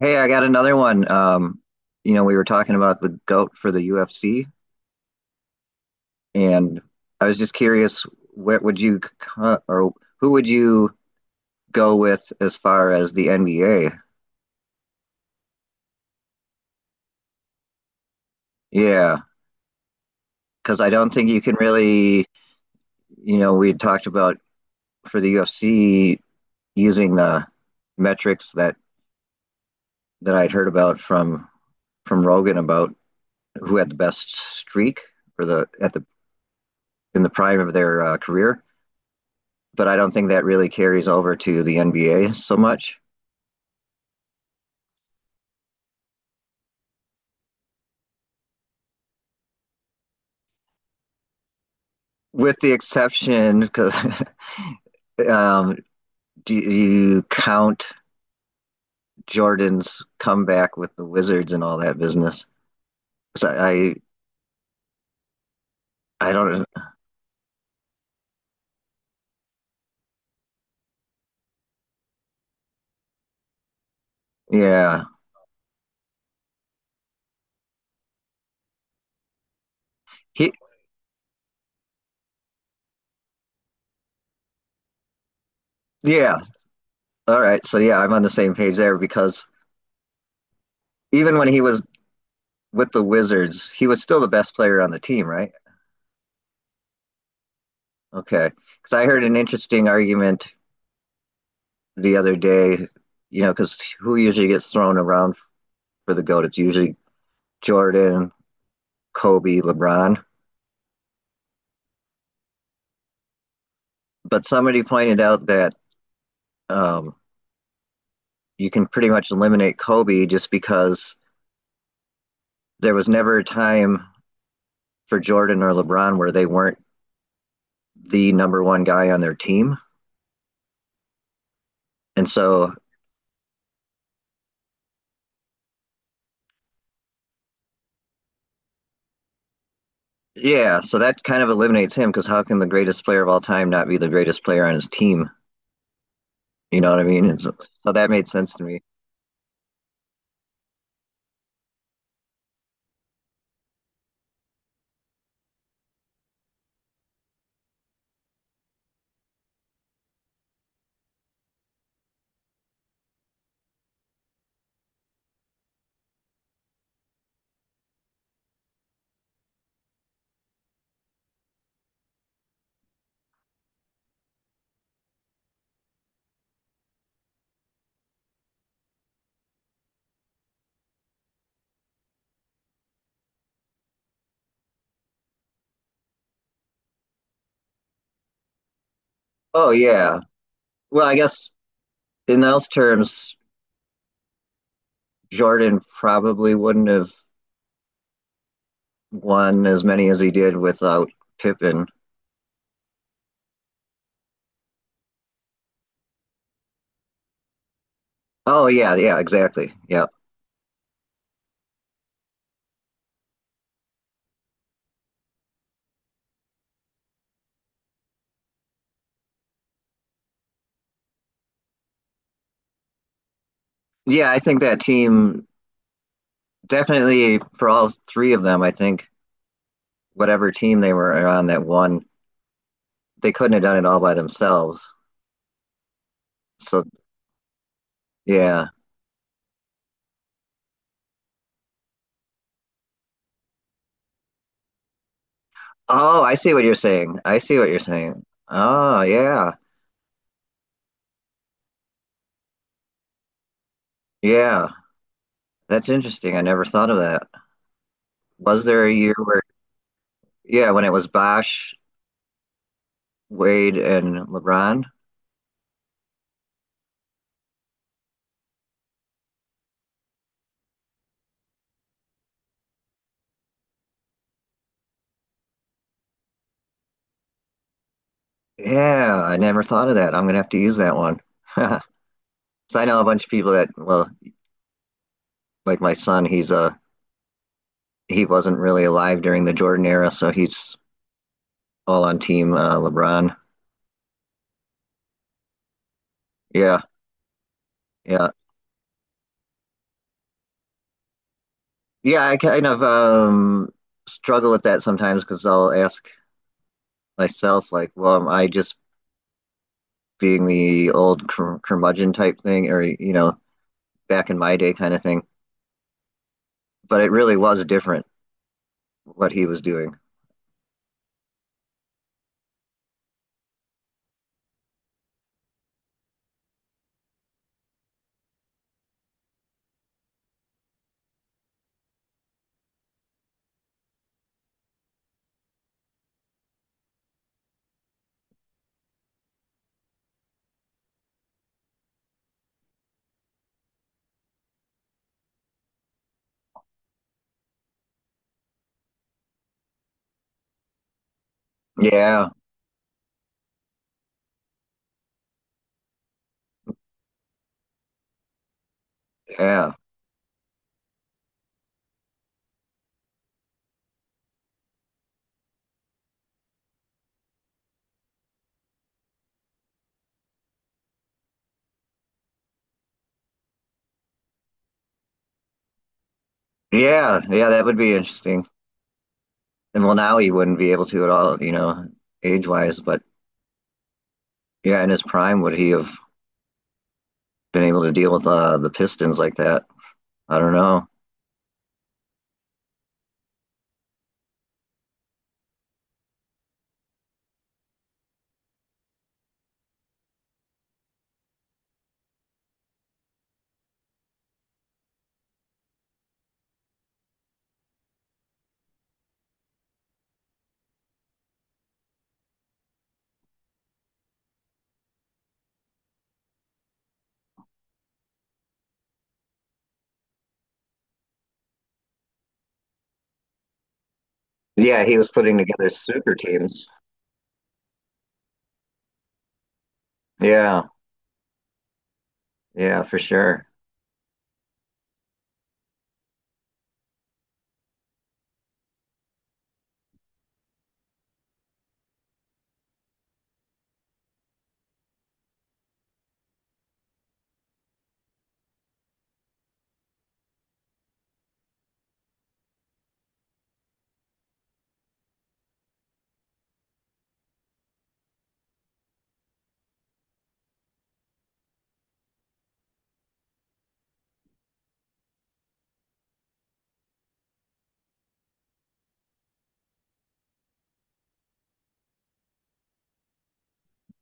Hey, I got another one. We were talking about the GOAT for the UFC, and I was just curious, what would you or who would you go with as far as the NBA? Yeah, because I don't think you can really, we had talked about for the UFC using the metrics that I'd heard about from Rogan about who had the best streak for the at the in the prime of their career. But I don't think that really carries over to the NBA so much. With the exception, because um, do you count Jordan's comeback with the Wizards and all that business? So I don't. Yeah, he. Yeah. All right. So yeah, I'm on the same page there because even when he was with the Wizards, he was still the best player on the team, right? Okay. Because I heard an interesting argument the other day. Because who usually gets thrown around for the goat? It's usually Jordan, Kobe, LeBron. But somebody pointed out that um, you can pretty much eliminate Kobe just because there was never a time for Jordan or LeBron where they weren't the number one guy on their team. And so, yeah, so that kind of eliminates him because how can the greatest player of all time not be the greatest player on his team? You know what I mean? And so that made sense to me. Oh, yeah. Well, I guess in those terms, Jordan probably wouldn't have won as many as he did without Pippen. Oh yeah, yeah, exactly. Yeah. Yeah, I think that team definitely for all three of them, I think whatever team they were on that won, they couldn't have done it all by themselves. So yeah. Oh, I see what you're saying. I see what you're saying. Oh yeah. Yeah. That's interesting. I never thought of that. Was there a year where yeah, when it was Bosh, Wade and LeBron? Yeah, I never thought of that. I'm gonna have to use that one. So I know a bunch of people that, well, like my son, he's he wasn't really alive during the Jordan era, so he's all on team LeBron. Yeah, yeah, yeah. I kind of struggle with that sometimes because I'll ask myself, like, well, am I just being the old curmudgeon type thing, or back in my day kind of thing? But it really was different what he was doing. Yeah, yeah, yeah, yeah. That would be interesting. And well, now he wouldn't be able to at all, age wise, but. Yeah, in his prime, would he have been able to deal with the Pistons like that? I don't know. Yeah, he was putting together super teams. Yeah, yeah, for sure.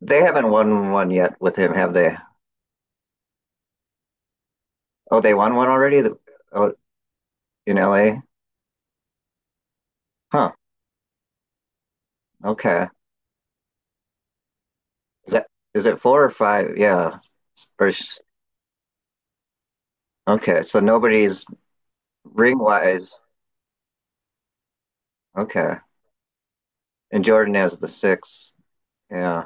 They haven't won one yet with him, have they? Oh, they won one already. Oh, in LA? Huh. Okay. Is that is it four or five? Yeah. Or sh- okay. So nobody's ring wise. Okay. And Jordan has the six. Yeah.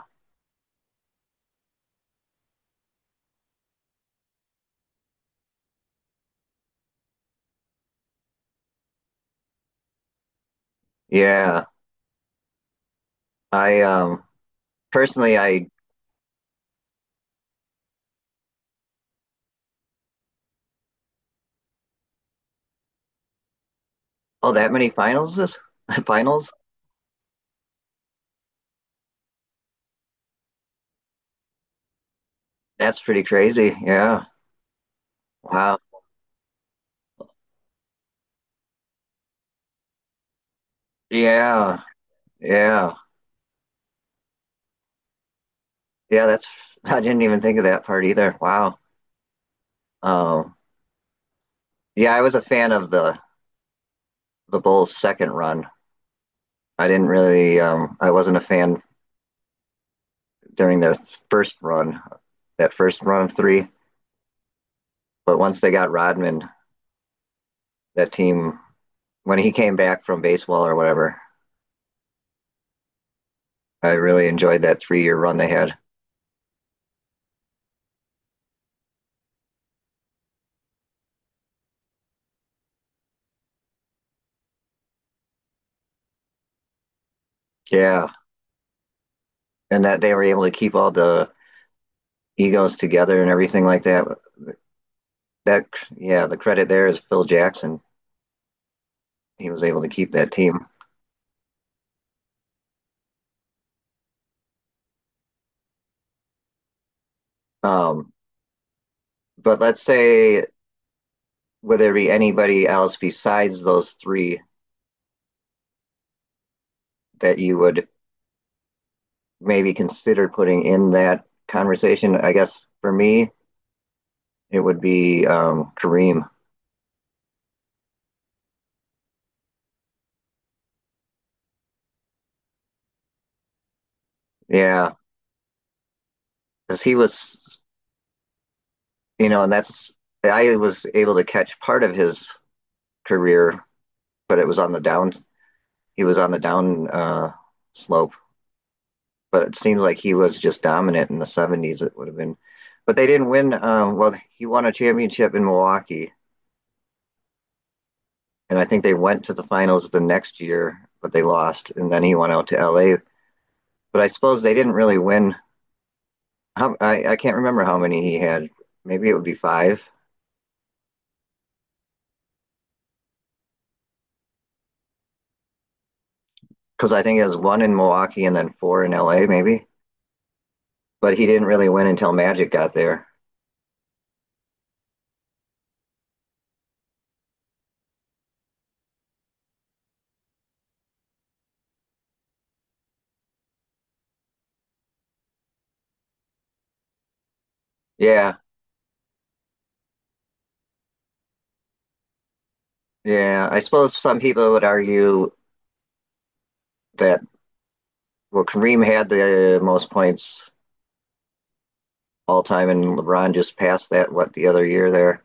Yeah. I personally, I, oh, that many finals? This finals. That's pretty crazy. Yeah. Wow. Yeah. Yeah. Yeah. That's, I didn't even think of that part either. Wow. Um, yeah, I was a fan of the, Bulls' second run. I didn't really, I wasn't a fan during their first run, that first run of three. But once they got Rodman, that team, when he came back from baseball or whatever, I really enjoyed that 3-year run they had. Yeah. And that they were able to keep all the egos together and everything like that. Yeah, the credit there is Phil Jackson. He was able to keep that team. Um, but let's say would there be anybody else besides those three that you would maybe consider putting in that conversation? I guess for me, it would be Kareem. Yeah, because he was, you know, and that's I was able to catch part of his career, but it was on the down. He was on the down slope but it seems like he was just dominant in the 70s. It would have been, but they didn't win. Well, he won a championship in Milwaukee, and I think they went to the finals the next year, but they lost, and then he went out to LA. But I suppose they didn't really win. I can't remember how many he had. Maybe it would be five, because I think it was one in Milwaukee and then four in LA, maybe. But he didn't really win until Magic got there. Yeah, yeah. I suppose some people would argue that well, Kareem had the most points all time, and LeBron just passed that what the other year there.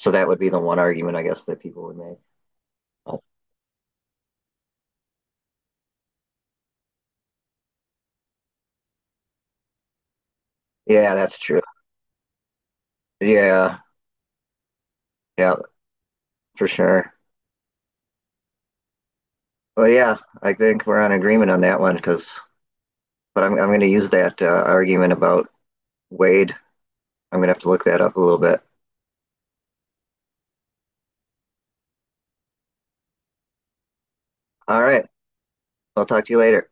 So that would be the one argument I guess that people would make. But yeah, that's true. Yeah, yeah, for sure. But yeah, I think we're on agreement on that one because. But I'm going to use that argument about Wade. I'm going to have to look that up a little bit. All right, I'll talk to you later.